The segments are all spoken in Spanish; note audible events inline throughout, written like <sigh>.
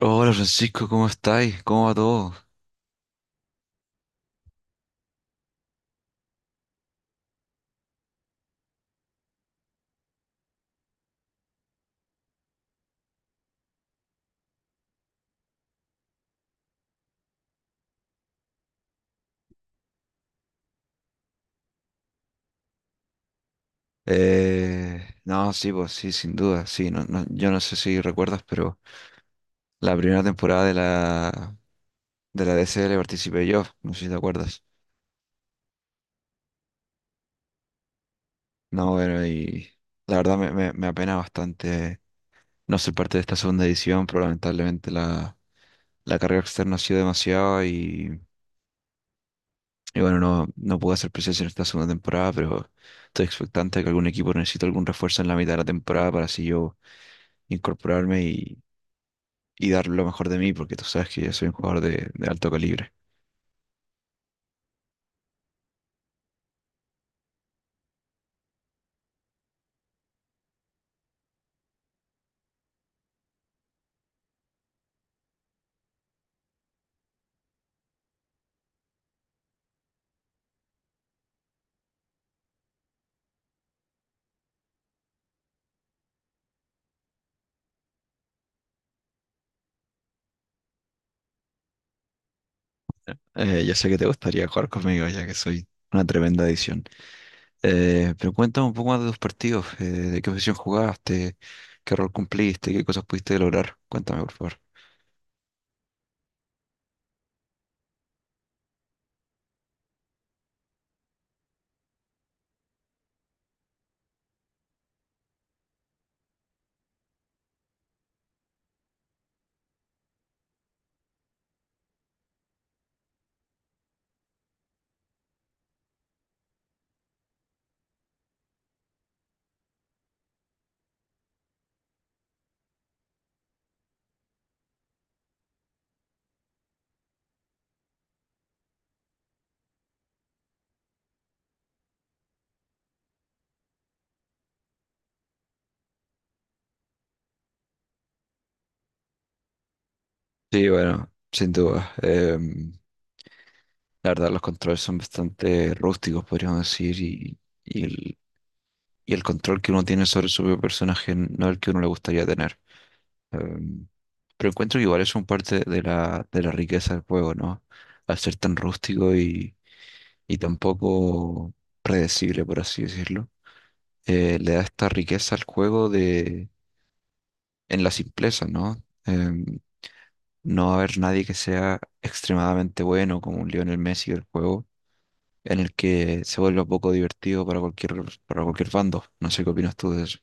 Hola Francisco, ¿cómo estáis? ¿Cómo va todo? Eh, no, sí, pues sí, sin duda, sí. No, no- yo no sé si recuerdas, pero la primera temporada de la DCL participé yo, no sé si te acuerdas. No, bueno, y la verdad me apena bastante no ser parte. Y bueno, no, no pude hacer presencia en esta segunda temporada, pero estoy expectante de que algún equipo necesite algún refuerzo en la mitad de la temporada para así yo incorporarme y dar lo mejor de mí, porque tú sabes que yo soy un jugador de alto calibre. Ya sé que te gustaría jugar conmigo, ya que soy una tremenda adición. Pero cuéntame un poco más de tus partidos, de qué posición jugaste, qué rol cumpliste, qué cosas pudiste lograr. Cuéntame, por favor. Sí, bueno, sin duda. La verdad, los controles son bastante rústicos, podríamos decir, y el, y el control que uno tiene sobre su propio personaje no es el que uno le gustaría tener. Em, pero encuentro que igual es un parte de la riqueza del juego, ¿no? Al ser tan rústico y tan poco predecible, por así decirlo, le da esta riqueza al juego de, en la simpleza, ¿no? Em, no va a haber nadie que sea extremadamente bueno como un Lionel Messi del juego en el que se vuelva poco divertido para para cualquier bando. No sé qué opinas tú de eso.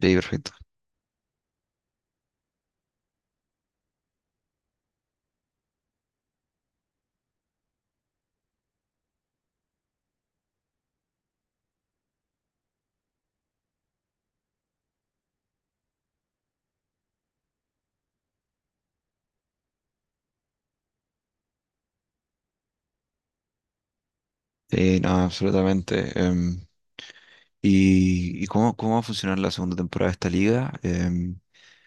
Sí, perfecto. Sí, no, absolutamente. Y cómo, cómo va a funcionar la segunda temporada de esta liga?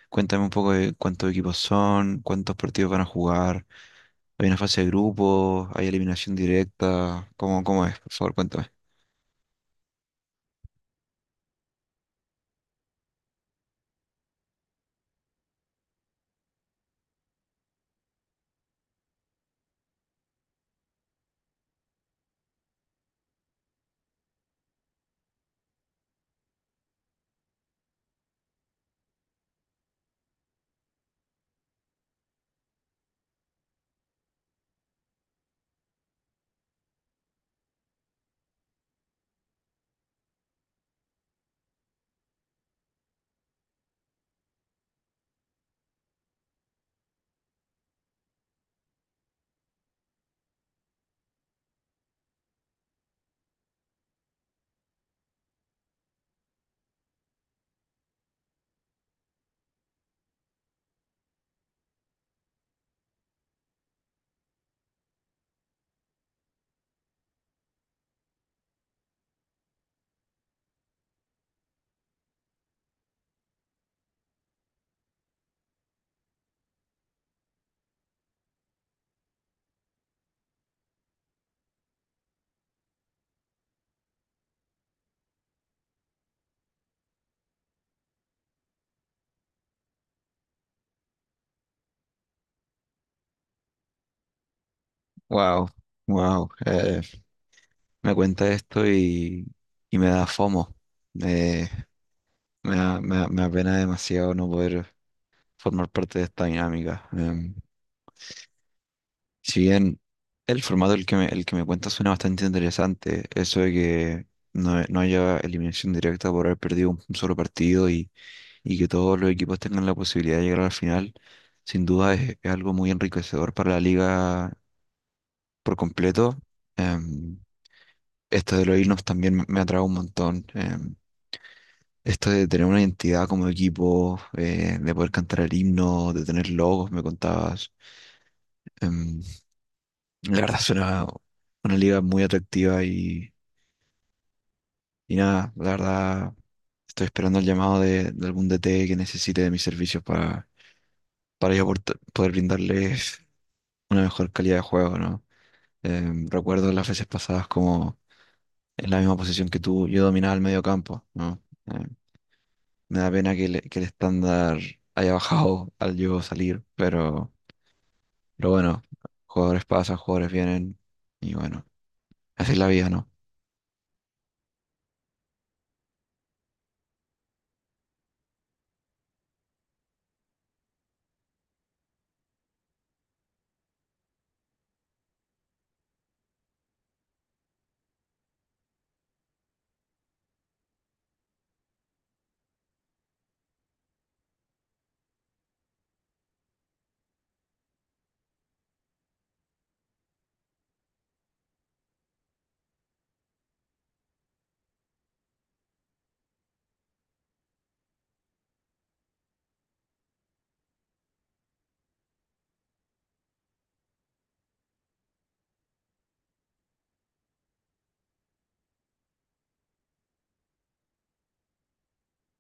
Cuéntame un poco de cuántos equipos son, cuántos partidos van a jugar. ¿Hay una fase de grupos? ¿Hay eliminación directa? ¿Cómo, cómo es? Por favor, cuéntame. Wow, wow. Me cuenta esto y me da FOMO. Me da pena demasiado no poder formar parte de esta dinámica. Si bien el formato el que me cuentas suena bastante interesante, eso de que no, no haya eliminación directa por haber perdido un, solo partido y que todos los equipos tengan la posibilidad de llegar a la final, sin duda es algo muy enriquecedor para la liga por completo. Em, Esto de los himnos también me atrae un montón. Esto de tener una identidad como equipo, de poder cantar el himno, de tener logos, me contabas. Em, la verdad suena una liga muy atractiva y nada, la verdad estoy esperando el llamado de algún DT que necesite de mis servicios para yo porta- poder brindarles <laughs> una mejor calidad de juego, ¿no? Recuerdo las veces pasadas como en la misma posición que tú, yo dominaba el medio campo, ¿no? Em, Me da pena que, le- que el estándar haya bajado al yo salir, pero... Pero bueno, jugadores pasan, jugadores vienen y bueno, así es la vida, ¿no? <laughs>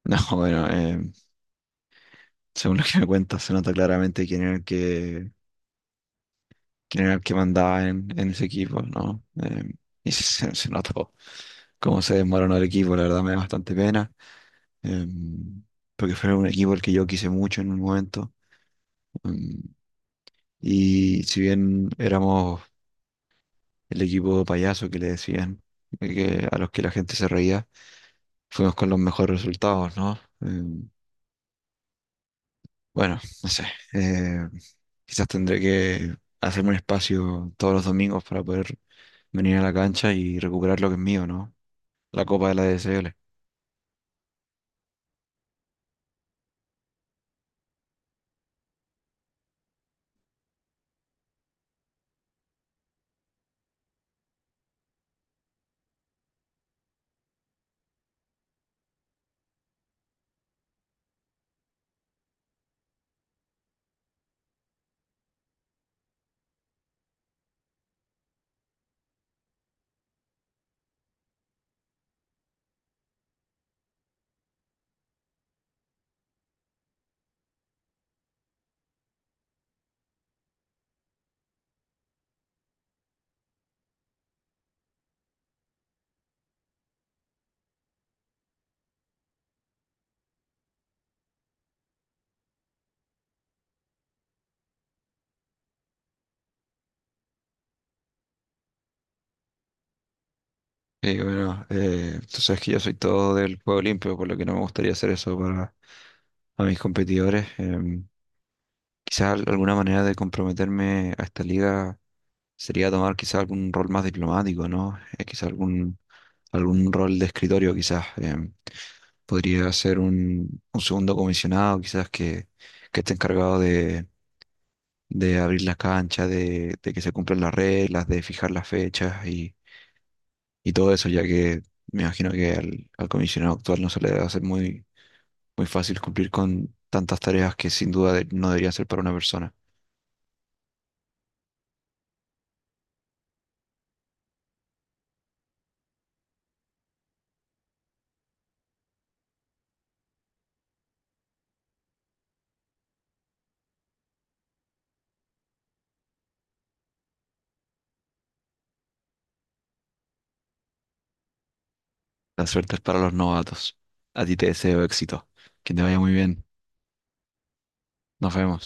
No, bueno, según lo que me cuentas, se nota claramente quién era el que, quién era el que mandaba en ese equipo, ¿no? Y se, se notó cómo se desmoronó el equipo, la verdad me da bastante pena, em, porque fue un equipo al que yo quise mucho en un momento. em, y si bien éramos el equipo payaso que le decían, que, a los que la gente se reía, fuimos con los mejores resultados, ¿no? Bueno, no sé. eh, Quizás tendré que hacerme un espacio todos los domingos para poder venir a la cancha y recuperar lo que es mío, ¿no? La copa de la D. S. L. Y bueno, tú sabes que yo soy todo del juego limpio, por lo que no me gustaría hacer eso para a mis competidores. Quizá al- alguna manera de comprometerme a esta liga sería tomar quizá algún rol más diplomático, ¿no? Quizá algún, algún rol de escritorio, quizás. Podría ser un segundo comisionado, quizás que esté encargado de abrir las canchas, de que se cumplan las reglas, de fijar las fechas y todo eso, ya que me imagino que al, al comisionado actual no se le debe hacer muy, muy fácil cumplir con tantas tareas que sin duda de- no deberían ser para una persona. La suerte es para los novatos. A ti te deseo éxito. Que te vaya muy bien. Nos vemos.